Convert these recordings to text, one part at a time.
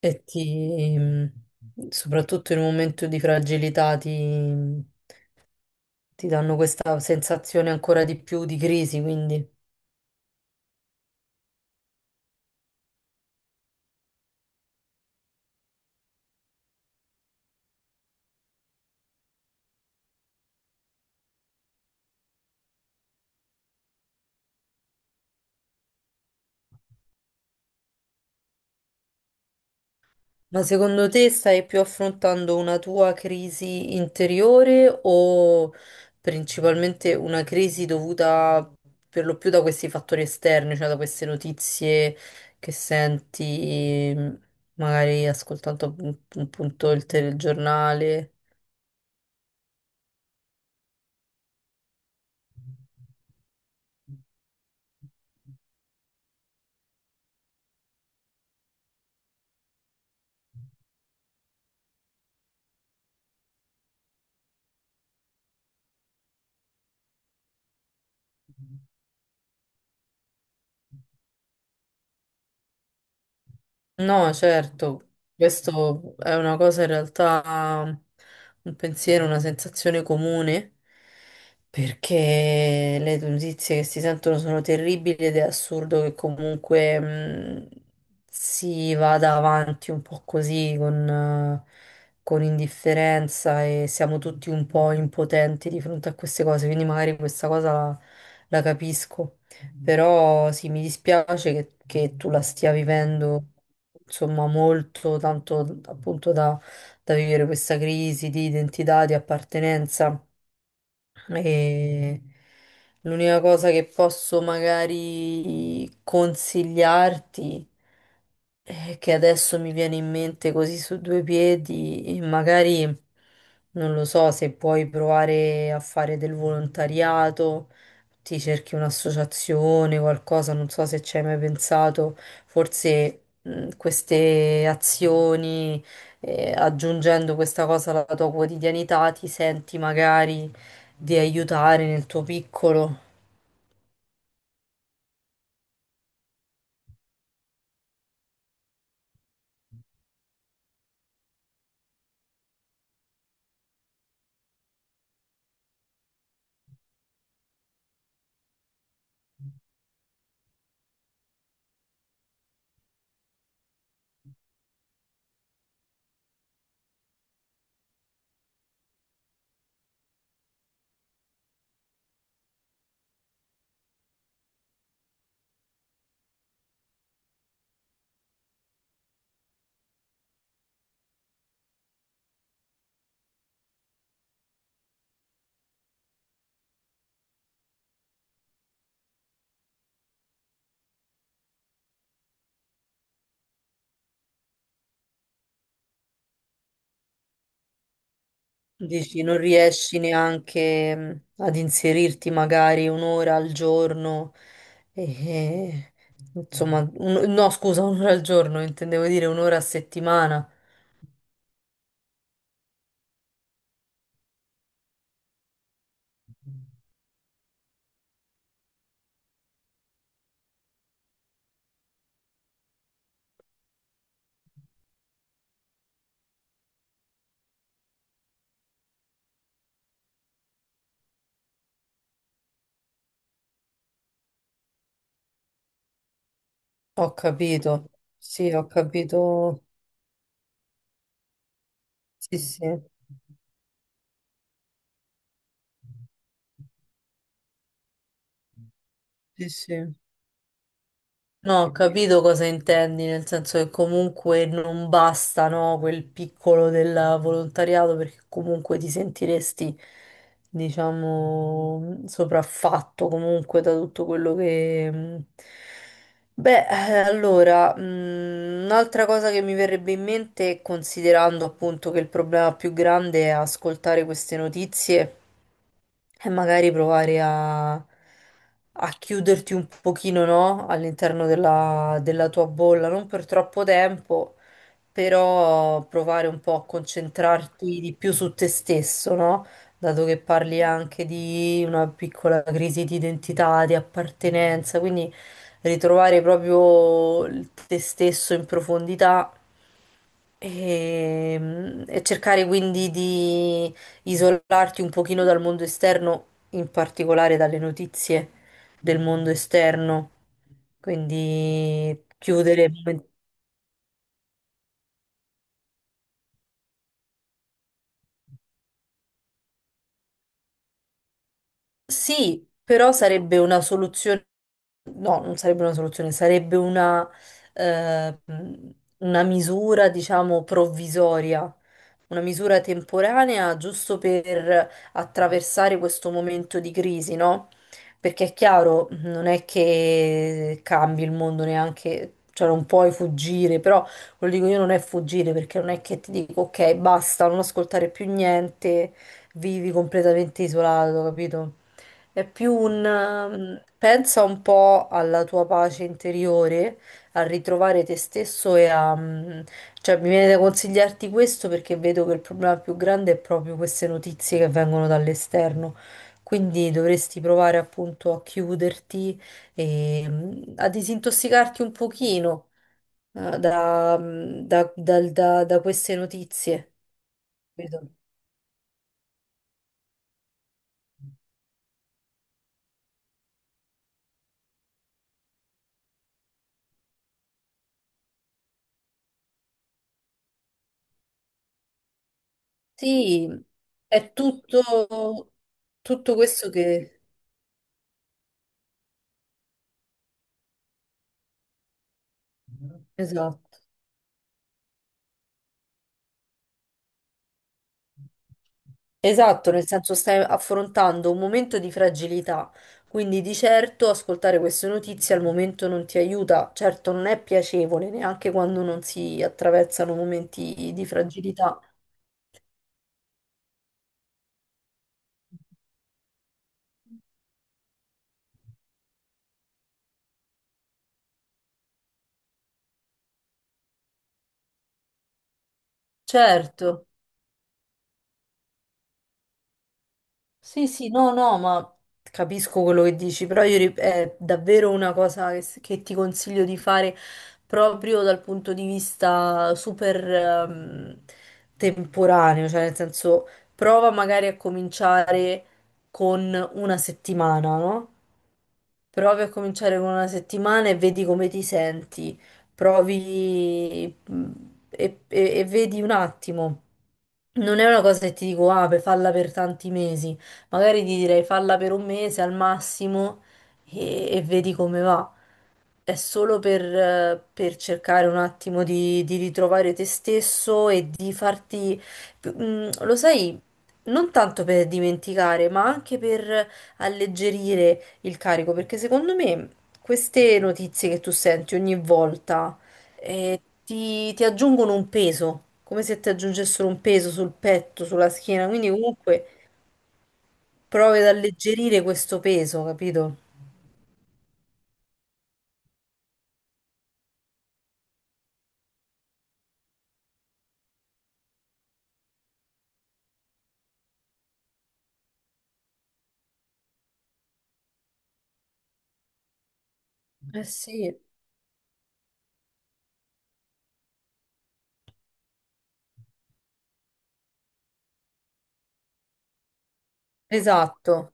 E ti, soprattutto in un momento di fragilità, ti danno questa sensazione ancora di più di crisi, quindi. Ma secondo te stai più affrontando una tua crisi interiore o principalmente una crisi dovuta per lo più da questi fattori esterni, cioè da queste notizie che senti, magari ascoltando appunto il telegiornale? No, certo, questo è una cosa in realtà, un pensiero, una sensazione comune, perché le notizie che si sentono sono terribili ed è assurdo che comunque si vada avanti un po' così con, con indifferenza e siamo tutti un po' impotenti di fronte a queste cose, quindi magari questa cosa, la capisco, però sì, mi dispiace che tu la stia vivendo insomma molto, tanto appunto, da vivere questa crisi di identità, di appartenenza. E l'unica cosa che posso magari consigliarti è che adesso mi viene in mente così su due piedi e magari non lo so se puoi provare a fare del volontariato, ti cerchi un'associazione, qualcosa, non so se ci hai mai pensato, forse queste azioni, aggiungendo questa cosa alla tua quotidianità, ti senti magari di aiutare nel tuo piccolo. Dici, non riesci neanche ad inserirti magari un'ora al giorno, e, insomma, no, scusa, un'ora al giorno, intendevo dire un'ora a settimana. Ho capito, sì, ho capito, sì, sì, sì, sì. No, ho capito cosa intendi, nel senso che comunque non basta, no, quel piccolo del volontariato perché comunque ti sentiresti, diciamo, sopraffatto comunque da tutto quello che... mm. Beh, allora, mm, un'altra cosa che mi verrebbe in mente, considerando appunto che il problema più grande è ascoltare queste notizie e magari provare a chiuderti un pochino, no? All'interno della tua bolla, non per troppo tempo, però provare un po' a concentrarti di più su te stesso, no? Dato che parli anche di una piccola crisi di identità, di appartenenza, quindi ritrovare proprio il te stesso in profondità. E cercare quindi di isolarti un pochino dal mondo esterno, in particolare dalle notizie del mondo esterno, quindi chiudere. Sì, però sarebbe una soluzione, no, non sarebbe una soluzione, sarebbe una, eh, una misura, diciamo, provvisoria una misura temporanea giusto per attraversare questo momento di crisi, no? Perché è chiaro, non è che cambi il mondo neanche, cioè non puoi fuggire, però quello dico io non è fuggire perché non è che ti dico ok, basta, non ascoltare più niente, vivi completamente isolato, capito? È più un... pensa un po' alla tua pace interiore, a ritrovare te stesso e a, cioè, mi viene da consigliarti questo perché vedo che il problema più grande è proprio queste notizie che vengono dall'esterno. Quindi dovresti provare appunto a chiuderti e a disintossicarti un pochino da, mm, da- dal- da- da queste notizie. Capito? Sì, è tutto, tutto questo che... Esatto. Esatto, nel senso stai affrontando un momento di fragilità, quindi di certo ascoltare queste notizie al momento non ti aiuta, certo non è piacevole neanche quando non si attraversano momenti di fragilità. Certo. Sì, sì, no, no, ma capisco quello che dici, però io è davvero una cosa che ti consiglio di fare proprio dal punto di vista super temporaneo, cioè nel senso prova magari a cominciare con una settimana, no? Provi a cominciare con una settimana e vedi come ti senti. Provi e vedi un attimo. Non è una cosa che ti dico, ah, per falla per tanti mesi. Magari ti direi falla per un mese al massimo e vedi come va. È solo per cercare un attimo di ritrovare te stesso e di farti, lo sai, non tanto per dimenticare, ma anche per alleggerire il carico, perché secondo me queste notizie che tu senti ogni volta, ti aggiungono un peso, come se ti aggiungessero un peso sul petto, sulla schiena, quindi comunque provi ad alleggerire questo peso, capito? Eh sì, esatto.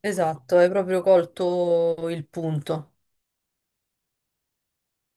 Esatto, hai proprio colto il punto.